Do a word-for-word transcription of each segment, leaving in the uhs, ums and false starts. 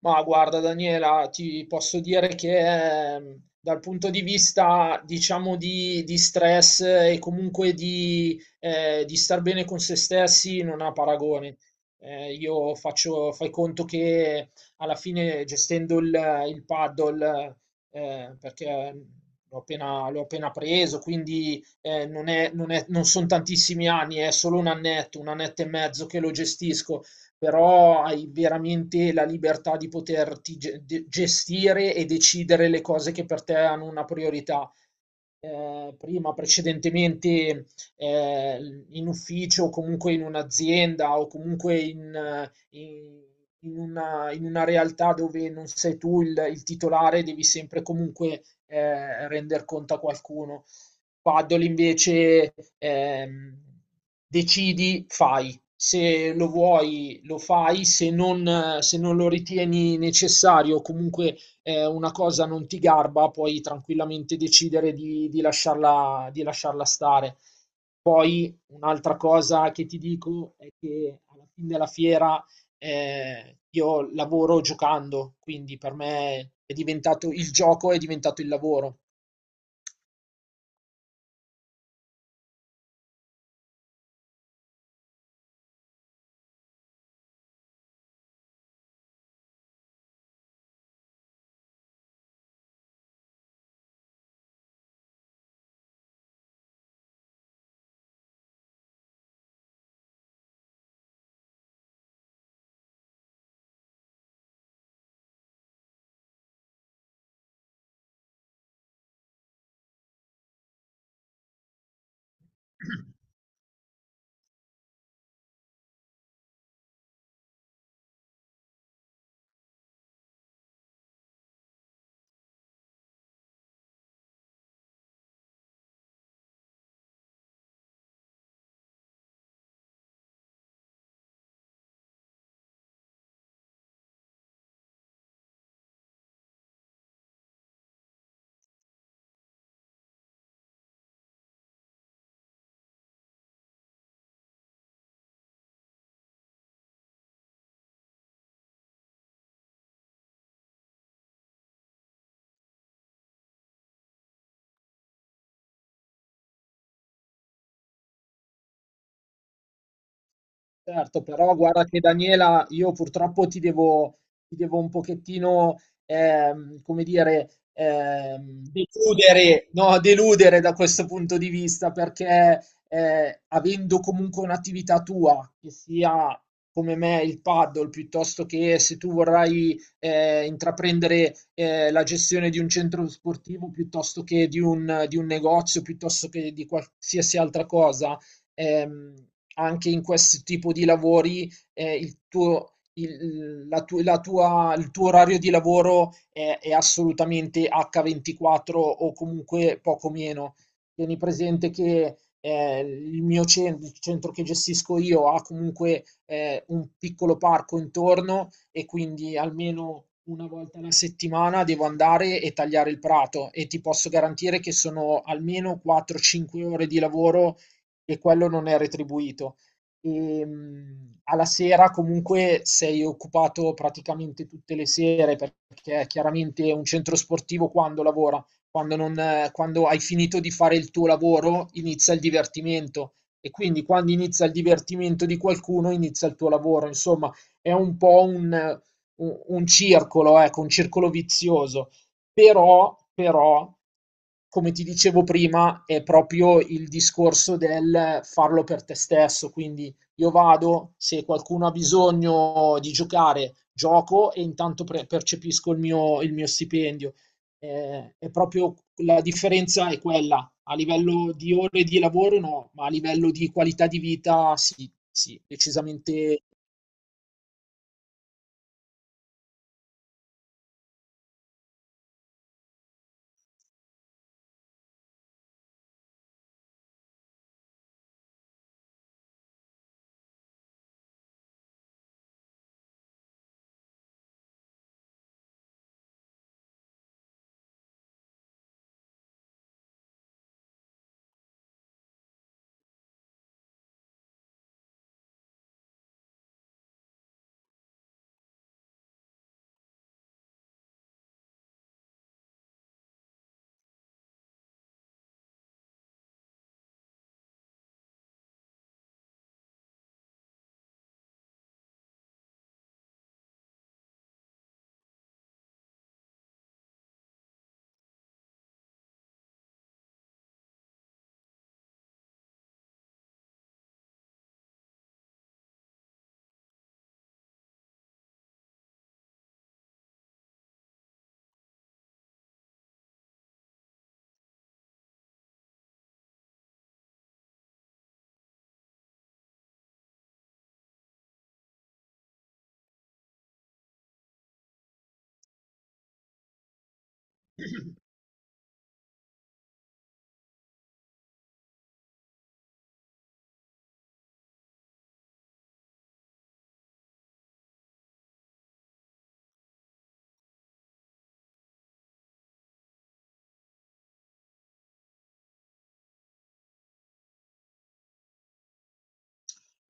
Ma guarda Daniela, ti posso dire che ehm, dal punto di vista, diciamo, di, di stress eh, e comunque di, eh, di star bene con se stessi non ha paragone. Eh, io faccio, fai conto che alla fine gestendo il, il paddle, eh, perché ehm, l'ho appena, l'ho appena preso, quindi eh, non è, non è- non sono tantissimi anni, è solo un annetto, un annetto e mezzo che lo gestisco, però hai veramente la libertà di poterti ge- de- gestire e decidere le cose che per te hanno una priorità. Eh, prima, precedentemente, eh, in ufficio o comunque in un'azienda o comunque in, eh, in- in una, in una realtà dove non sei tu il, il titolare, devi sempre comunque eh, render conto a qualcuno. Paddle invece ehm, decidi, fai, se lo vuoi lo fai, se non, se non lo ritieni necessario, comunque eh, una cosa non ti garba, puoi tranquillamente decidere di, di lasciarla, di lasciarla stare. Poi un'altra cosa che ti dico è che alla fine della fiera eh, io lavoro giocando, quindi per me è diventato il gioco, è diventato il lavoro. Certo, però guarda che Daniela, io purtroppo ti devo, ti devo un pochettino, ehm, come dire, ehm, deludere, no, deludere da questo punto di vista, perché eh, avendo comunque un'attività tua, che sia come me il paddle, piuttosto che se tu vorrai eh, intraprendere eh, la gestione di un centro sportivo, piuttosto che di un, di un negozio, piuttosto che di qualsiasi altra cosa, ehm, anche in questo tipo di lavori eh, il tuo, il, la tu- la tua- il tuo orario di lavoro è, è assolutamente acca ventiquattro o comunque poco meno. Tieni presente che eh, il mio centro, il centro che gestisco io ha comunque eh, un piccolo parco intorno e quindi almeno una volta alla settimana devo andare e tagliare il prato, e ti posso garantire che sono almeno quattro cinque ore di lavoro e quello non è retribuito. E, mh, alla sera comunque sei occupato praticamente tutte le sere, perché chiaramente un centro sportivo quando lavora, quando, non, quando hai finito di fare il tuo lavoro inizia il divertimento, e quindi quando inizia il divertimento di qualcuno inizia il tuo lavoro, insomma è un po' un, un, un circolo, ecco, un circolo vizioso, però, però, come ti dicevo prima, è proprio il discorso del farlo per te stesso. Quindi io vado, se qualcuno ha bisogno di giocare, gioco e intanto pre- percepisco il mio, il mio stipendio. Eh, è proprio la differenza è quella. A livello di ore di lavoro no, ma a livello di qualità di vita sì, sì, decisamente.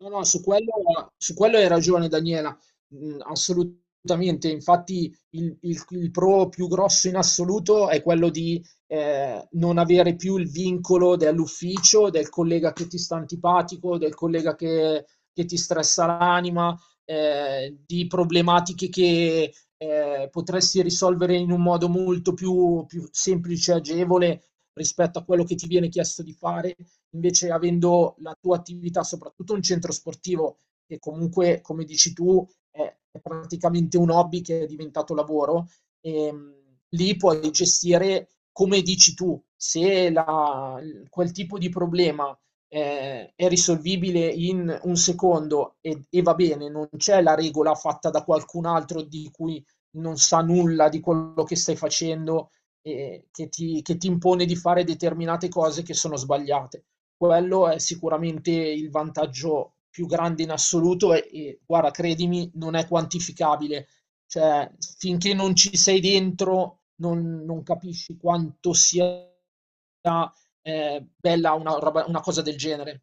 No, no, su quello, su quello hai ragione Daniela. Mm, assolutamente. Infatti il, il- il pro più grosso in assoluto è quello di eh, non avere più il vincolo dell'ufficio, del collega che ti sta antipatico, del collega che, che ti stressa l'anima, eh, di problematiche che eh, potresti risolvere in un modo molto più, più semplice e agevole rispetto a quello che ti viene chiesto di fare. Invece avendo la tua attività, soprattutto un centro sportivo, che comunque, come dici tu, è, è praticamente un hobby che è diventato lavoro, ehm, lì puoi gestire come dici tu, se la- quel tipo di problema eh, è risolvibile in un secondo, e, e va bene, non c'è la regola fatta da qualcun altro di cui non sa nulla di quello che stai facendo, eh, che ti, che ti impone di fare determinate cose che sono sbagliate. Quello è sicuramente il vantaggio più grande in assoluto, e e guarda, credimi, non è quantificabile. Cioè, finché non ci sei dentro, non non capisci quanto sia, ehm, bella una roba una cosa del genere.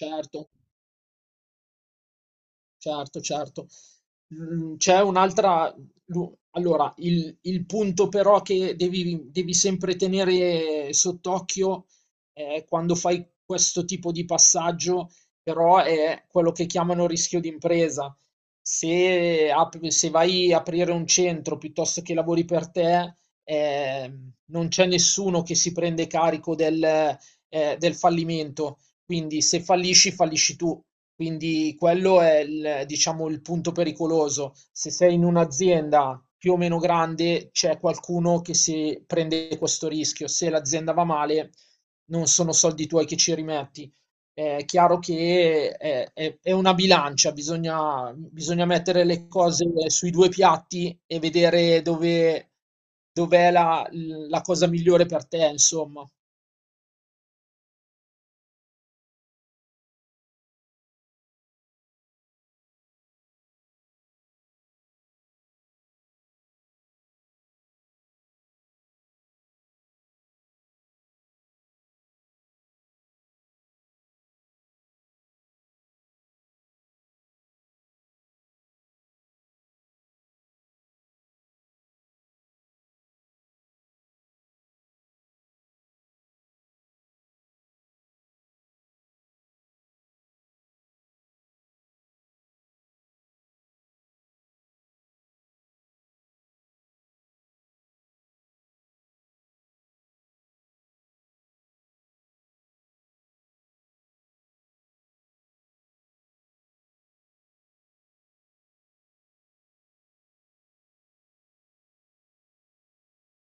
Certo. Certo, certo. Mhmm, c'è un'altra lu allora, il il punto però che devi devi sempre tenere sott'occhio, ehm, quando fai questo tipo di passaggio, però è quello che chiamano rischio d'impresa. Se apri se vai a aprire un centro piuttosto che lavori per te, ehm, non c'è nessuno che si prende carico del ehm, del fallimento. Quindi se fallisci, fallisci tu. Quindi quello è il, diciamo, il punto pericoloso. Se sei in un'azienda più o meno grande, c'è qualcuno che si prende questo rischio. Se l'azienda va male, non sono soldi tuoi che ci rimetti. È chiaro che è, è- è una bilancia, bisogna, bisogna mettere le cose sui due piatti e vedere dove, dov'è la la cosa migliore per te, insomma.